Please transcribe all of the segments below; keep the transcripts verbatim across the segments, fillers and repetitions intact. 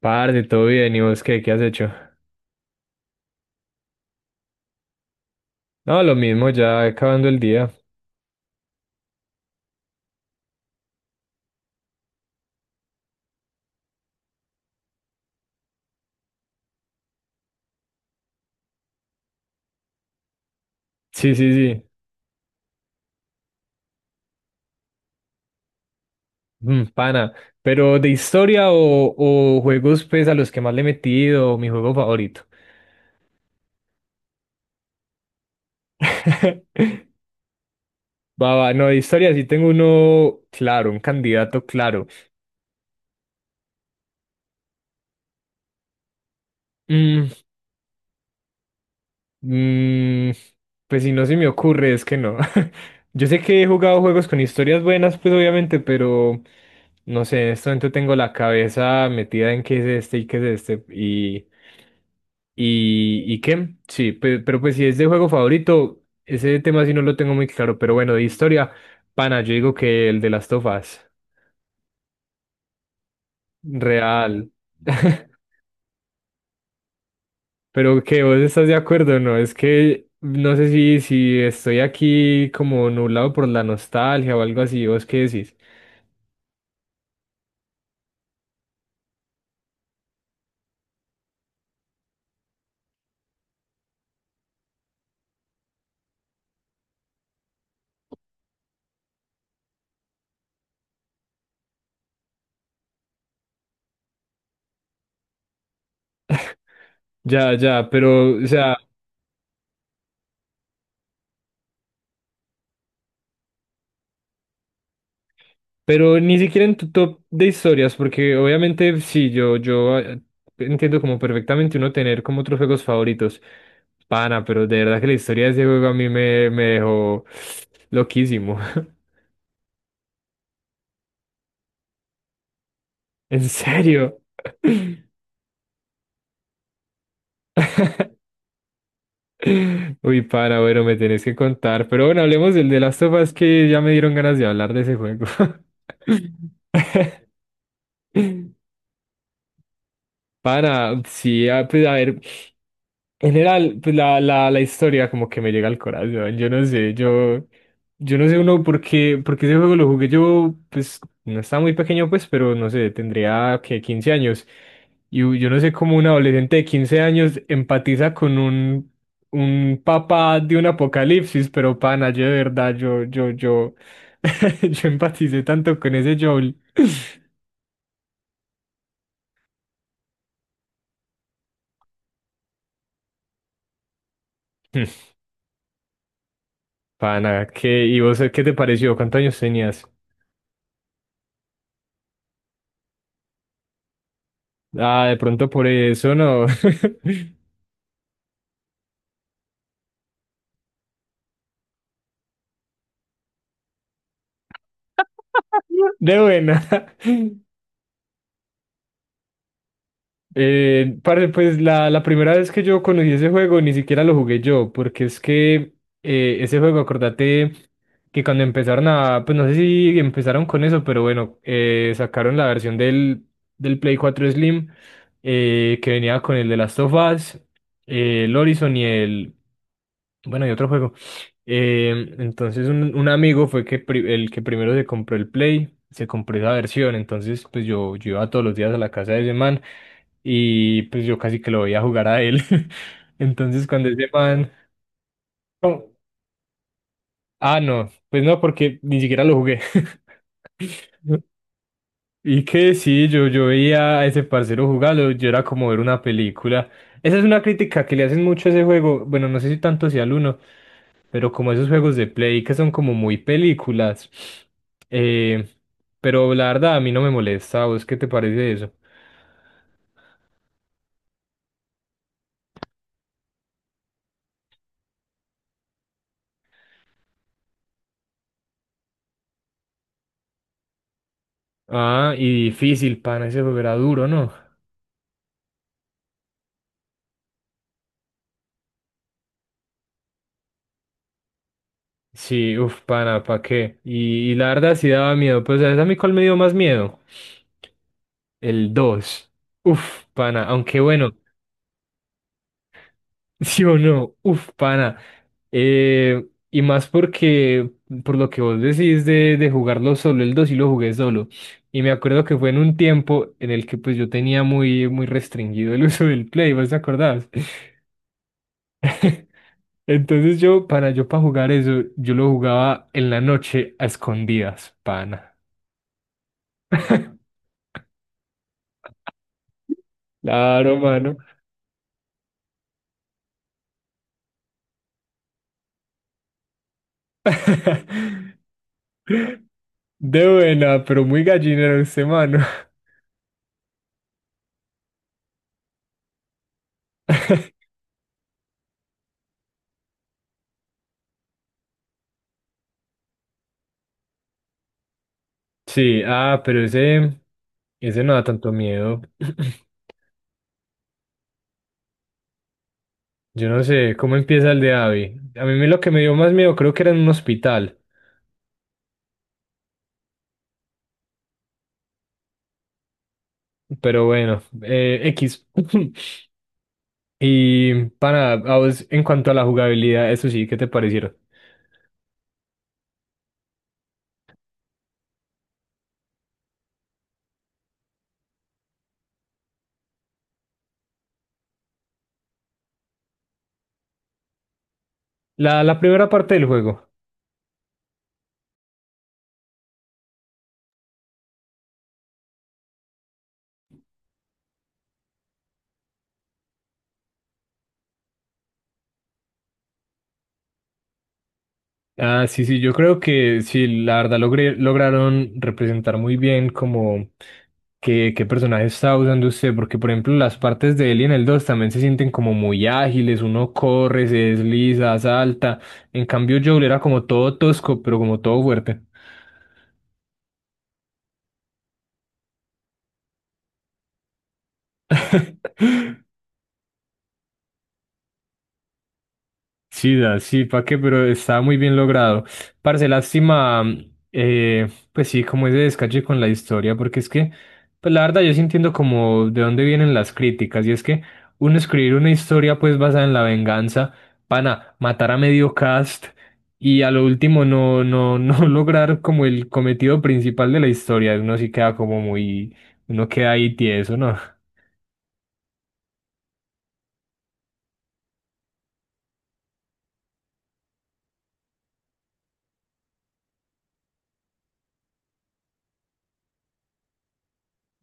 Parce, todo bien, ¿y vos qué, qué has hecho? No, lo mismo, ya acabando el día. Sí, sí, sí. Mm, pana. Pero de historia o, o juegos pues a los que más le he metido, mi juego favorito. Va, va, no, de historia sí tengo uno claro, un candidato claro. Mm, mm, pues si no se me ocurre, es que no. Yo sé que he jugado juegos con historias buenas, pues obviamente, pero no sé, en este momento tengo la cabeza metida en qué es este y qué es este. Y ¿Y, y qué? Sí, pe- pero, pues si es de juego favorito, ese tema sí no lo tengo muy claro, pero bueno, de historia, pana, yo digo que el de las tofas, real. Pero que vos estás de acuerdo, ¿no? Es que no sé si, si estoy aquí como nublado por la nostalgia o algo así, ¿vos qué decís? Ya, ya, pero, o sea. Pero ni siquiera en tu top de historias, porque obviamente sí, yo, yo eh, entiendo como perfectamente uno tener como otros juegos favoritos. Pana, pero de verdad que la historia de ese juego a mí me, me dejó loquísimo. En serio. Uy, pana, bueno, me tenés que contar. Pero bueno, hablemos del de las of Us, que ya me dieron ganas de hablar de ese juego. Pana, sí, ah, pues a ver, en general, pues la, la, la historia como que me llega al corazón, yo no sé, yo, yo no sé uno por qué, porque ese juego lo jugué yo, pues no estaba muy pequeño pues, pero no sé, tendría que quince años, y u- yo no sé cómo un adolescente de quince años empatiza con un, un papá de un apocalipsis, pero pana, yo de verdad, yo, yo, yo, yo empaticé tanto con ese Joel. Pana, ¿qué? ¿Y vos qué te pareció? ¿Cuántos años tenías? Ah, de pronto por eso no. De buena. Eh, parce, pues la, la primera vez que yo conocí ese juego ni siquiera lo jugué yo, porque es que eh, ese juego, acordate que cuando empezaron a, pues no sé si empezaron con eso, pero bueno, eh, sacaron la versión del, del Play cuatro Slim, eh, que venía con el de Last of Us, eh, el Horizon y el, bueno, y otro juego. Eh, entonces un, un amigo fue que pri- el que primero se compró el Play, se compró esa versión, entonces pues yo, yo iba todos los días a la casa de ese man y pues yo casi que lo veía jugar a él. Entonces cuando ese man... no. Ah, no, pues no, porque ni siquiera lo jugué. Y que sí, yo, yo veía a ese parcero jugarlo, yo era como ver una película. Esa es una crítica que le hacen mucho a ese juego, bueno, no sé si tanto sea al uno. Pero como esos juegos de Play que son como muy películas. Eh, pero la verdad a mí no me molesta. ¿Vos qué te parece eso? Ah, y difícil, pana, ese juego era duro, ¿no? Sí, uff, pana, ¿pa' qué? Y, y la verdad sí daba miedo. Pues, ¿sabes a mí cuál me dio más miedo? El dos. Uff, pana, aunque bueno. ¿Sí o no? Uf, pana. Eh, y más porque, por lo que vos decís de, de jugarlo solo, el dos sí lo jugué solo. Y me acuerdo que fue en un tiempo en el que pues yo tenía muy, muy restringido el uso del Play, ¿vos te acordás? Entonces yo, pana, yo para jugar eso, yo lo jugaba en la noche a escondidas, pana. Claro, mano. De buena, pero muy gallinero ese mano. Sí, ah, pero ese, ese no da tanto miedo. Yo no sé, ¿cómo empieza el de Abby? A mí me- lo que me dio más miedo creo que era en un hospital, pero bueno, eh, X. Y para, a vos, en cuanto a la jugabilidad, eso sí, ¿qué te parecieron? La, la primera parte del juego. Ah, sí, sí, yo creo que sí, la verdad logré- lograron representar muy bien como qué, qué personaje está usando usted, porque por ejemplo las partes de él y en el dos también se sienten como muy ágiles, uno corre, se desliza, salta, en cambio Joel era como todo tosco, pero como todo fuerte. Chida, sí, ¿para qué? Pero está muy bien logrado. Parce, lástima, eh, pues sí, como ese descache con la historia, porque es que, pues la verdad yo sí entiendo como de dónde vienen las críticas, y es que uno escribir una historia pues basada en la venganza, pana, matar a medio cast y a lo último no, no, no lograr como el cometido principal de la historia, uno sí queda como muy, uno queda ahí tieso, ¿no?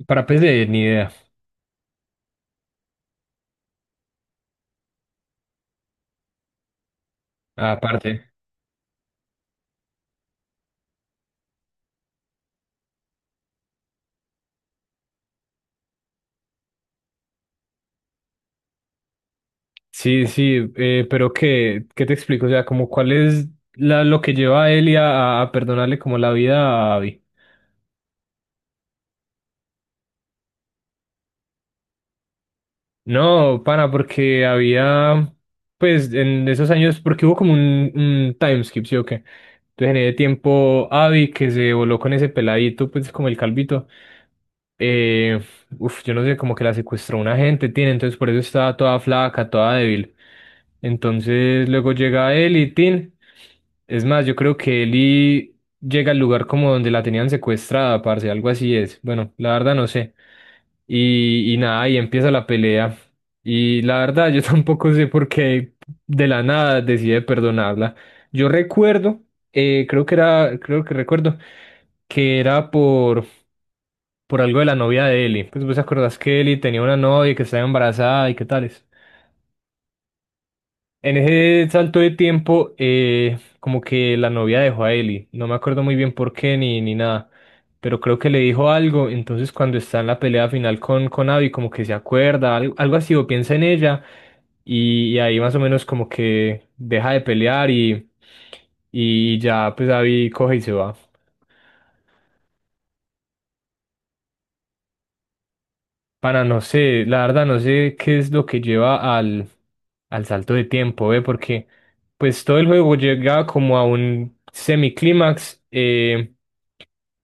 Para P C, ni idea, aparte. Sí, sí, eh, pero ¿qué, qué te explico? O sea, como cuál es la, lo que lleva a Elia a, a perdonarle como la vida a Abby. No, pana, porque había, pues en esos años, porque hubo como un, un time, ¿sí o qué? Entonces en ese tiempo, Abby, que se voló con ese peladito, pues como el calvito, eh, uf, yo no sé, como que la secuestró una gente, tiene, entonces por eso estaba toda flaca, toda débil. Entonces luego llega él y Tin. Es más, yo creo que Eli llega al lugar como donde la tenían secuestrada, parce, algo así es. Bueno, la verdad no sé. Y, y nada, ahí empieza la pelea. Y la verdad, yo tampoco sé por qué de la nada decide perdonarla. Yo recuerdo, eh, creo que era, creo que recuerdo que era por, por algo de la novia de Ellie. Pues vos acordás que Ellie tenía una novia que estaba embarazada y qué tales. En ese salto de tiempo, eh, como que la novia dejó a Ellie. No me acuerdo muy bien por qué ni, ni nada, pero creo que le dijo algo. Entonces, cuando está en la pelea final con, con Abby, como que se acuerda, al- algo, así, o piensa en ella, y, y ahí más o menos como que deja de pelear y, y ya, pues Abby coge y se va. Para no sé, la verdad no sé qué es lo que lleva al, al salto de tiempo, ¿ve? Porque pues todo el juego llega como a un semiclímax, eh,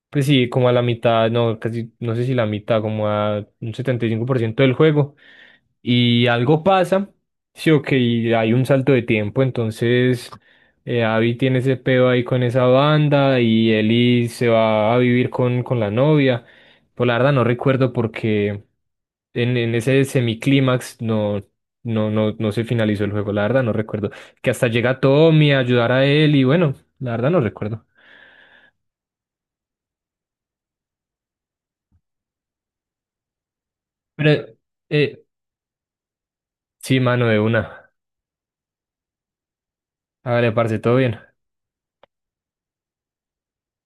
pues sí, como a la mitad, no, casi, no sé si la mitad, como a un setenta y cinco por ciento del juego, y algo pasa, sí, ok, y hay un salto de tiempo, entonces eh, Abby tiene ese pedo ahí con esa banda y Ellie se va a vivir con, con la novia. Pues la verdad no recuerdo porque en, en ese semiclímax no, no, no, no se finalizó el juego, la verdad no recuerdo. Que hasta llega Tommy a ayudar a él y bueno, la verdad no recuerdo. Pero eh, sí, mano de una. Hágale, parce, todo bien.